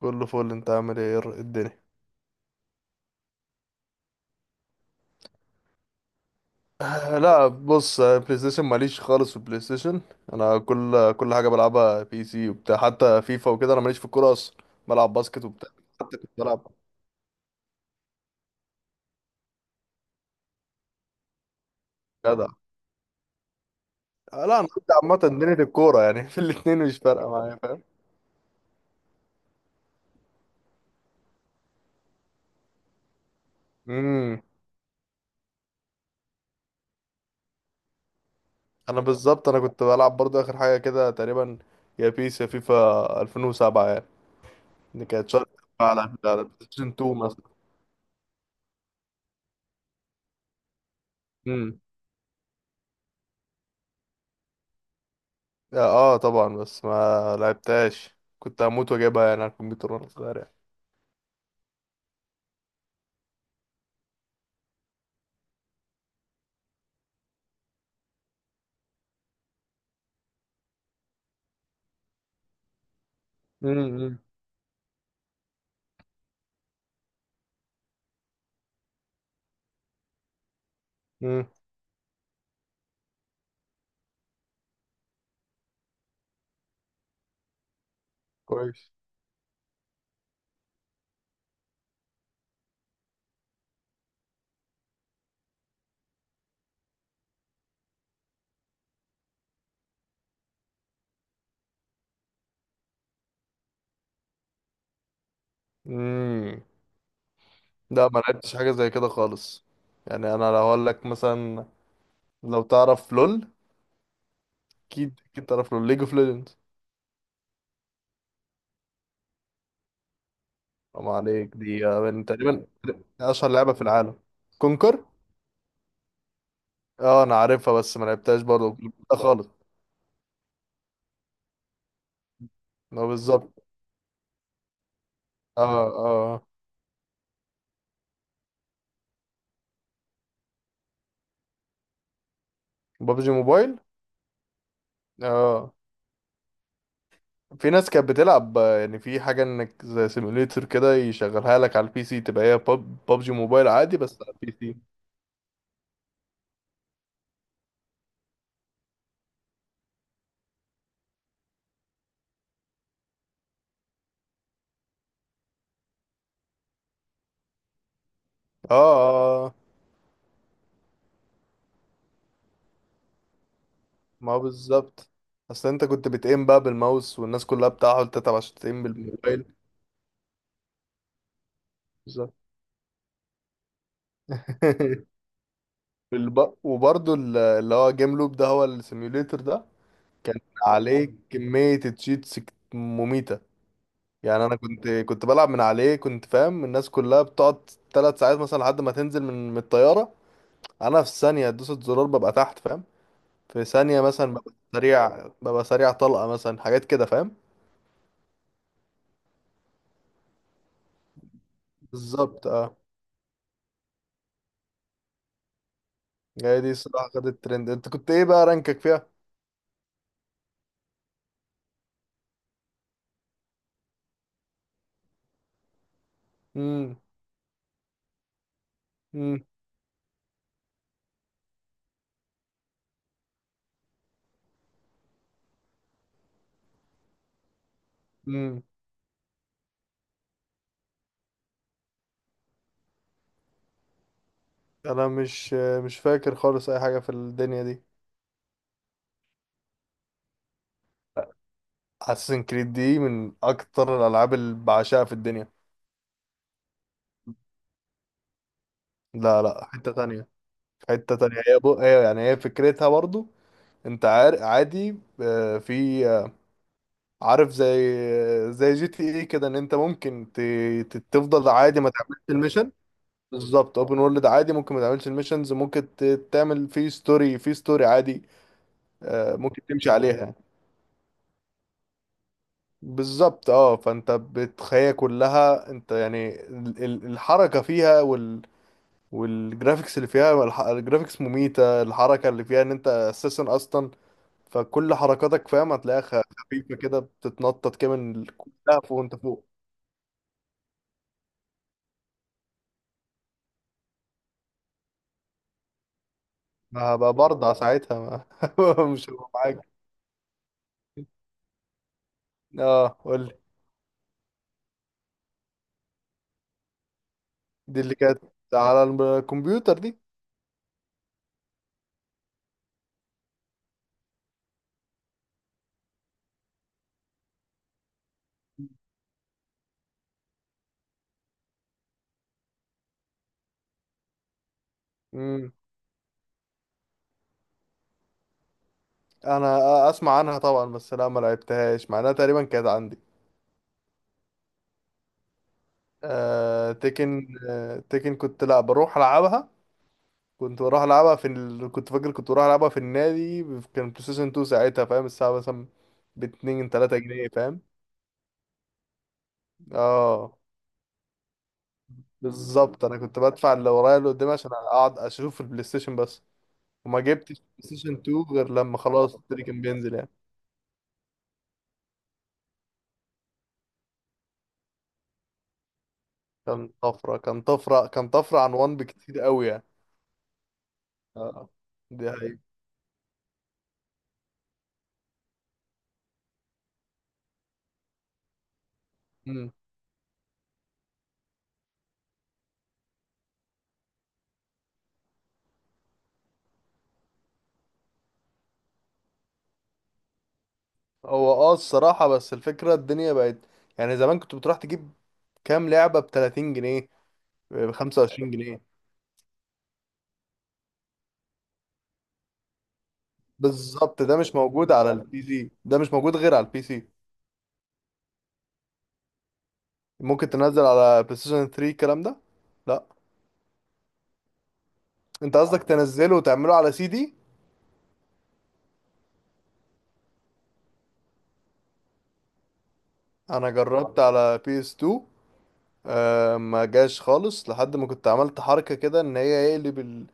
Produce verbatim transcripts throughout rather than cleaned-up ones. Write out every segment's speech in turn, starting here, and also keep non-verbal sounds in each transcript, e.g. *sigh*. كله فل. انت عامل ايه؟ ايه الدنيا؟ آه، لا بص، آه، بلاي ستيشن ماليش خالص في البلاي ستيشن. انا كل كل حاجه بلعبها بي سي وبتاع، حتى فيفا وكده. انا ماليش في الكوره اصلا، بلعب باسكت وبتاع. حتى كنت بلعب. جدع. آه، لا، انا كنت عامه دنيا الكوره يعني *laughs* في الاتنين مش فارقه معايا، فاهم؟ امم. انا بالظبط انا كنت بلعب برضو اخر حاجه كده تقريبا، يا بيس يا فيفا ألفين وسبعه يعني. دي كانت شهر على على بلاي ستيشن اتنين مثلا. اه طبعا، بس ما لعبتهاش. كنت هموت واجيبها يعني على الكمبيوتر وانا صغير يعني. امم. امم. كويس. امم. لا، ما لعبتش حاجه زي كده خالص. يعني انا لو اقول لك مثلا، لو تعرف لول. اكيد اكيد تعرف لول، ليج اوف ليجندز. ما عليك، دي آه، من تقريبا اشهر لعبه في العالم. كونكر. اه انا عارفها بس ما لعبتهاش برضه. لا خالص. ما بالظبط. اه. اه. بابجي موبايل. اه، في ناس كانت بتلعب، آه، يعني في حاجة انك زي سيموليتر كده يشغلها لك على البي سي تبقى هي ببجي موبايل عادي بس على البي سي. اه. اه. ما هو بالظبط. اصل انت كنت بتقيم بقى بالماوس والناس كلها بتحاول تتعب عشان تقيم بالموبايل. بالظبط. *laughs* والب- وبرضه ال- اللي هو جيم لوب، ده هو السيموليتر ده. كان عليه كمية تشيتس مميتة. يعني انا كنت كنت بلعب من عليه، كنت فاهم؟ الناس كلها بتقعد ثلاث ساعات مثلا لحد ما تنزل من من الطيارة. انا في ثانيه دوسة زرار ببقى تحت، فاهم؟ في ثانيه مثلا ببقى سريع، ببقى سريع طلقه مثلا، حاجات كده، فاهم؟ بالظبط. اه. هي دي الصراحه خدت الترند. انت كنت ايه بقى رانكك فيها؟ امم. امم. امم. انا مش مش فاكر خالص اي حاجه في الدنيا دي. اساسن كريد دي من اكتر الالعاب اللي بعشقها في الدنيا. لا لا، حته تانية. حته تانية. هي بو... هي يعني هي فكرتها برضو. انت عار... عادي. آه، في آه، عارف، زي زي جي تي ايه كده، ان انت ممكن ت... ت- تفضل عادي ما تعملش الميشن. بالظبط. اوبن وورلد عادي، ممكن ما تعملش الميشنز. ممكن ت... تعمل فيه ستوري، فيه ستوري عادي. آه، ممكن تمشي عليها. بالظبط. اه. فانت بتخيل كلها انت، يعني ال- ال- الحركة فيها وال... والجرافيكس اللي فيها، الح- الجرافيكس مميتة. الحركة اللي فيها ان انت اساسا اصلا، فكل حركاتك فاهم هتلاقيها خ- خفيفة كده، بتتنطط كده من ال- كلها فوق وانت فوق. ما هبقى برضه ساعتها. ما *laughs* مش هبقى معاك. اه قول لي. دي اللي كانت على الكمبيوتر دي. امم انا اسمع عنها طبعا، بس لا ما لعبتهاش مع انها تقريبا كانت عندي. آه تيكن آه تيكن. كنت، لا، بروح العبها. كنت بروح العبها في ال... كنت فاكر كنت بروح العبها في النادي. كان بلاي ستيشن اتنين ساعتها، فاهم؟ الساعه مثلا ب اتنين تلات جنيه، فاهم؟ اه بالظبط. انا كنت بدفع اللي ورايا اللي قدامي عشان اقعد اشوف البلاي ستيشن بس. وما جبتش سيشن تو غير لما خلاص التري كان بينزل يعني. كان طفرة، كان طفرة، كان طفرة عن ون بكتير قوي يعني. اه. دي حقيقة. مم. هو اه الصراحة، بس الفكرة الدنيا بقت، يعني زمان كنت بتروح تجيب كام لعبة ب تلاتين جنيه، ب خمسة وعشرين جنيه. بالظبط. ده مش موجود على البي سي، ده مش موجود غير على البي سي. ممكن تنزل على بلاي ستيشن تري الكلام ده. لا، انت قصدك تنزله وتعمله على سي دي. انا جربت على بي اس تو. أه، ما جاش خالص لحد ما كنت عملت حركة كده ان هي يقلب ال...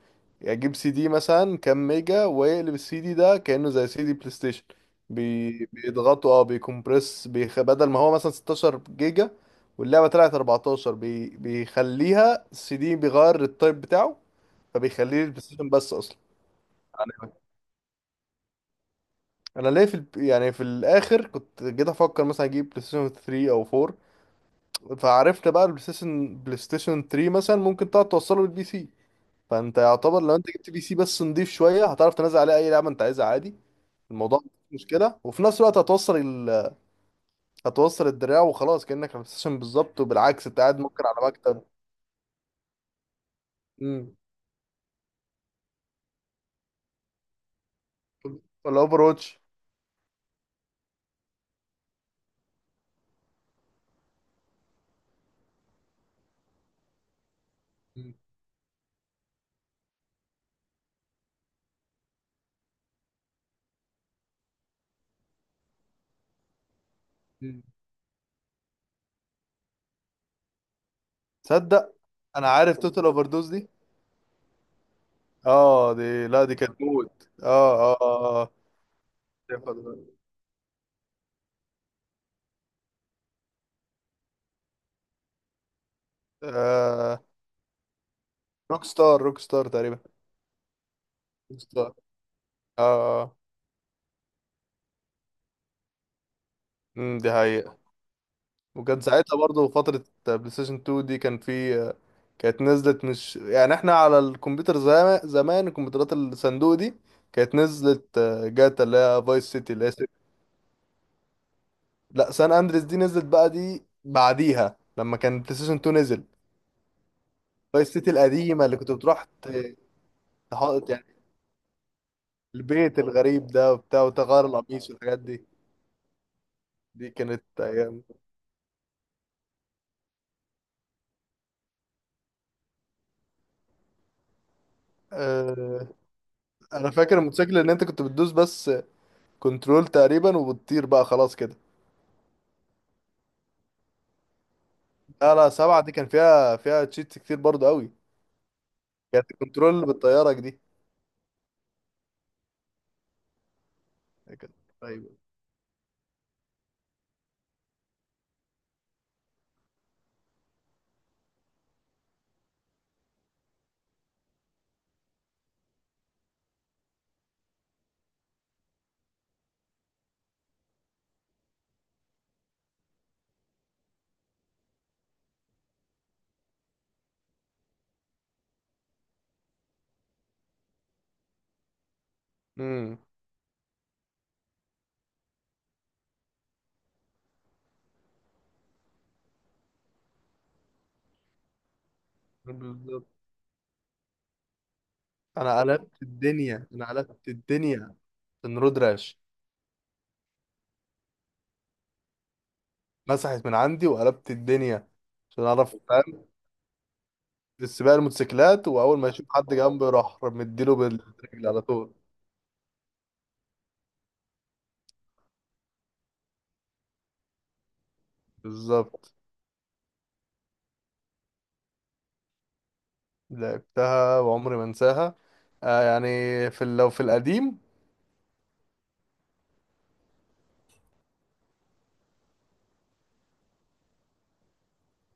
يعني اجيب سي دي مثلا كام ميجا، ويقلب السي دي ده كأنه زي سي دي بلاي ستيشن. بي... بيضغطوا، اه بيكمبرس، بيخ... بدل ما هو مثلا ستة عشر جيجا واللعبة طلعت اربعتاشر، بي... بيخليها السي دي، بيغير التايب بتاعه فبيخليه البلاي ستيشن بس اصلا. انا ليه في ال... يعني في الاخر كنت جيت افكر مثلا اجيب بلاي ستيشن تري او فور. فعرفت بقى البلاي ستيشن بلاي ستيشن تري مثلا ممكن تقعد توصله للبي سي. فانت يعتبر لو انت جبت بي سي بس نضيف شويه، هتعرف تنزل عليه اي لعبه انت عايزها عادي. الموضوع مش مشكله. وفي نفس الوقت هتوصل ال... هتوصل الدراع وخلاص كانك على ستيشن بالظبط، وبالعكس انت قاعد ممكن على مكتب. امم ولا اوفر واتش؟ مم. مم. تصدق انا عارف توتال اوفر دوز دي. اه، دي، لا، دي كانت موت. اه اه اه آه. شايفها دلوقتي. آه، روك ستار، روك ستار تقريبا. روك ستار. اه. اه. امم دي هي. وكان ساعتها برضه فترة بلاي ستيشن تو دي، كان في كانت نزلت، مش يعني احنا على الكمبيوتر زمان، زمان الكمبيوترات الصندوق دي كانت نزلت، آه، جاتا اللي هي فايس سيتي اللي هي سي- لا، سان اندريس دي نزلت بقى دي بعديها لما كان بلاي ستيشن تو نزل. فايس سيتي القديمة اللي كنت بتروح ت- تحط يعني البيت الغريب ده وبتاع، وتغير القميص والحاجات دي. دي كانت ايام. أه، انا فاكر الموتوسيكل ان انت كنت بتدوس بس كنترول تقريبا وبتطير بقى خلاص كده. لا لا، سبعة دي كان فيها فيها تشيتس كتير برضو قوي. كانت الكنترول بالطيارة دي. كانت. طيب. امم. بالظبط. انا قلبت الدنيا، انا قلبت الدنيا عشان رود راش. مسحت من عندي وقلبت الدنيا عشان اعرف، فاهم؟ في السباق الموتوسيكلات، واول ما يشوف حد جنبي راح مديله بالرجل على طول. بالظبط. لعبتها وعمري ما انساها. آه يعني، في ال- لو في القديم.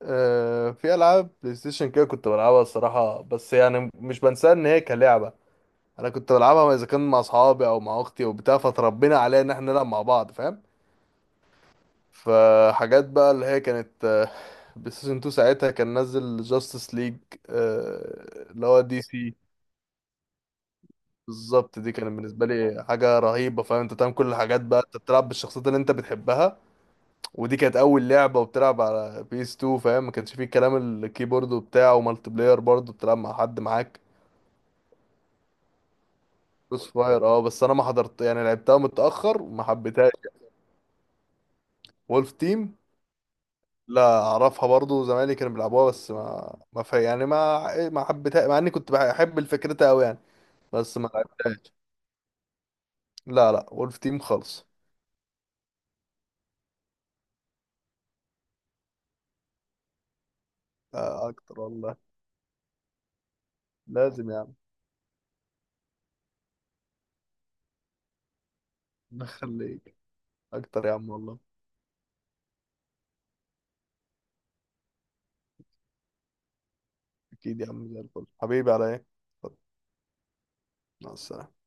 آه، في العاب بلاي ستيشن كده كنت بلعبها الصراحة، بس يعني مش بنساها ان هي كلعبة. انا كنت بلعبها اذا كان مع اصحابي او مع اختي وبتاع، فتربينا عليها ان احنا نلعب مع بعض، فاهم؟ فحاجات بقى اللي هي كانت آه، بلايستيشن تو ساعتها كان نزل جاستس ليج اللي هو دي سي. بالظبط. دي كانت بالنسبه لي حاجه رهيبه، فاهم؟ انت تعمل كل الحاجات بقى، انت بتلعب بالشخصيات اللي انت بتحبها. ودي كانت اول لعبه وبتلعب على بي اس تو، فاهم؟ ما كانش فيه كلام الكيبورد وبتاع، ومالتي بلاير برضه بتلعب مع حد معاك. كروس فاير. اه، بس انا ما حضرت يعني، لعبتها متاخر وما حبيتهاش. وولف تيم. لا اعرفها برضو، زمايلي كانوا بيلعبوها، بس ما ما في يعني، ما ما حبيتها مع اني كنت بحب الفكرتها قوي يعني. بس ما لعبتهاش. لا لا، وولف تيم خالص. آه، اكتر والله. لازم يا عم. نخليك. اكتر يا عم والله. اكيد يا عم، زي الفل حبيبي، على ايه. مع السلامة.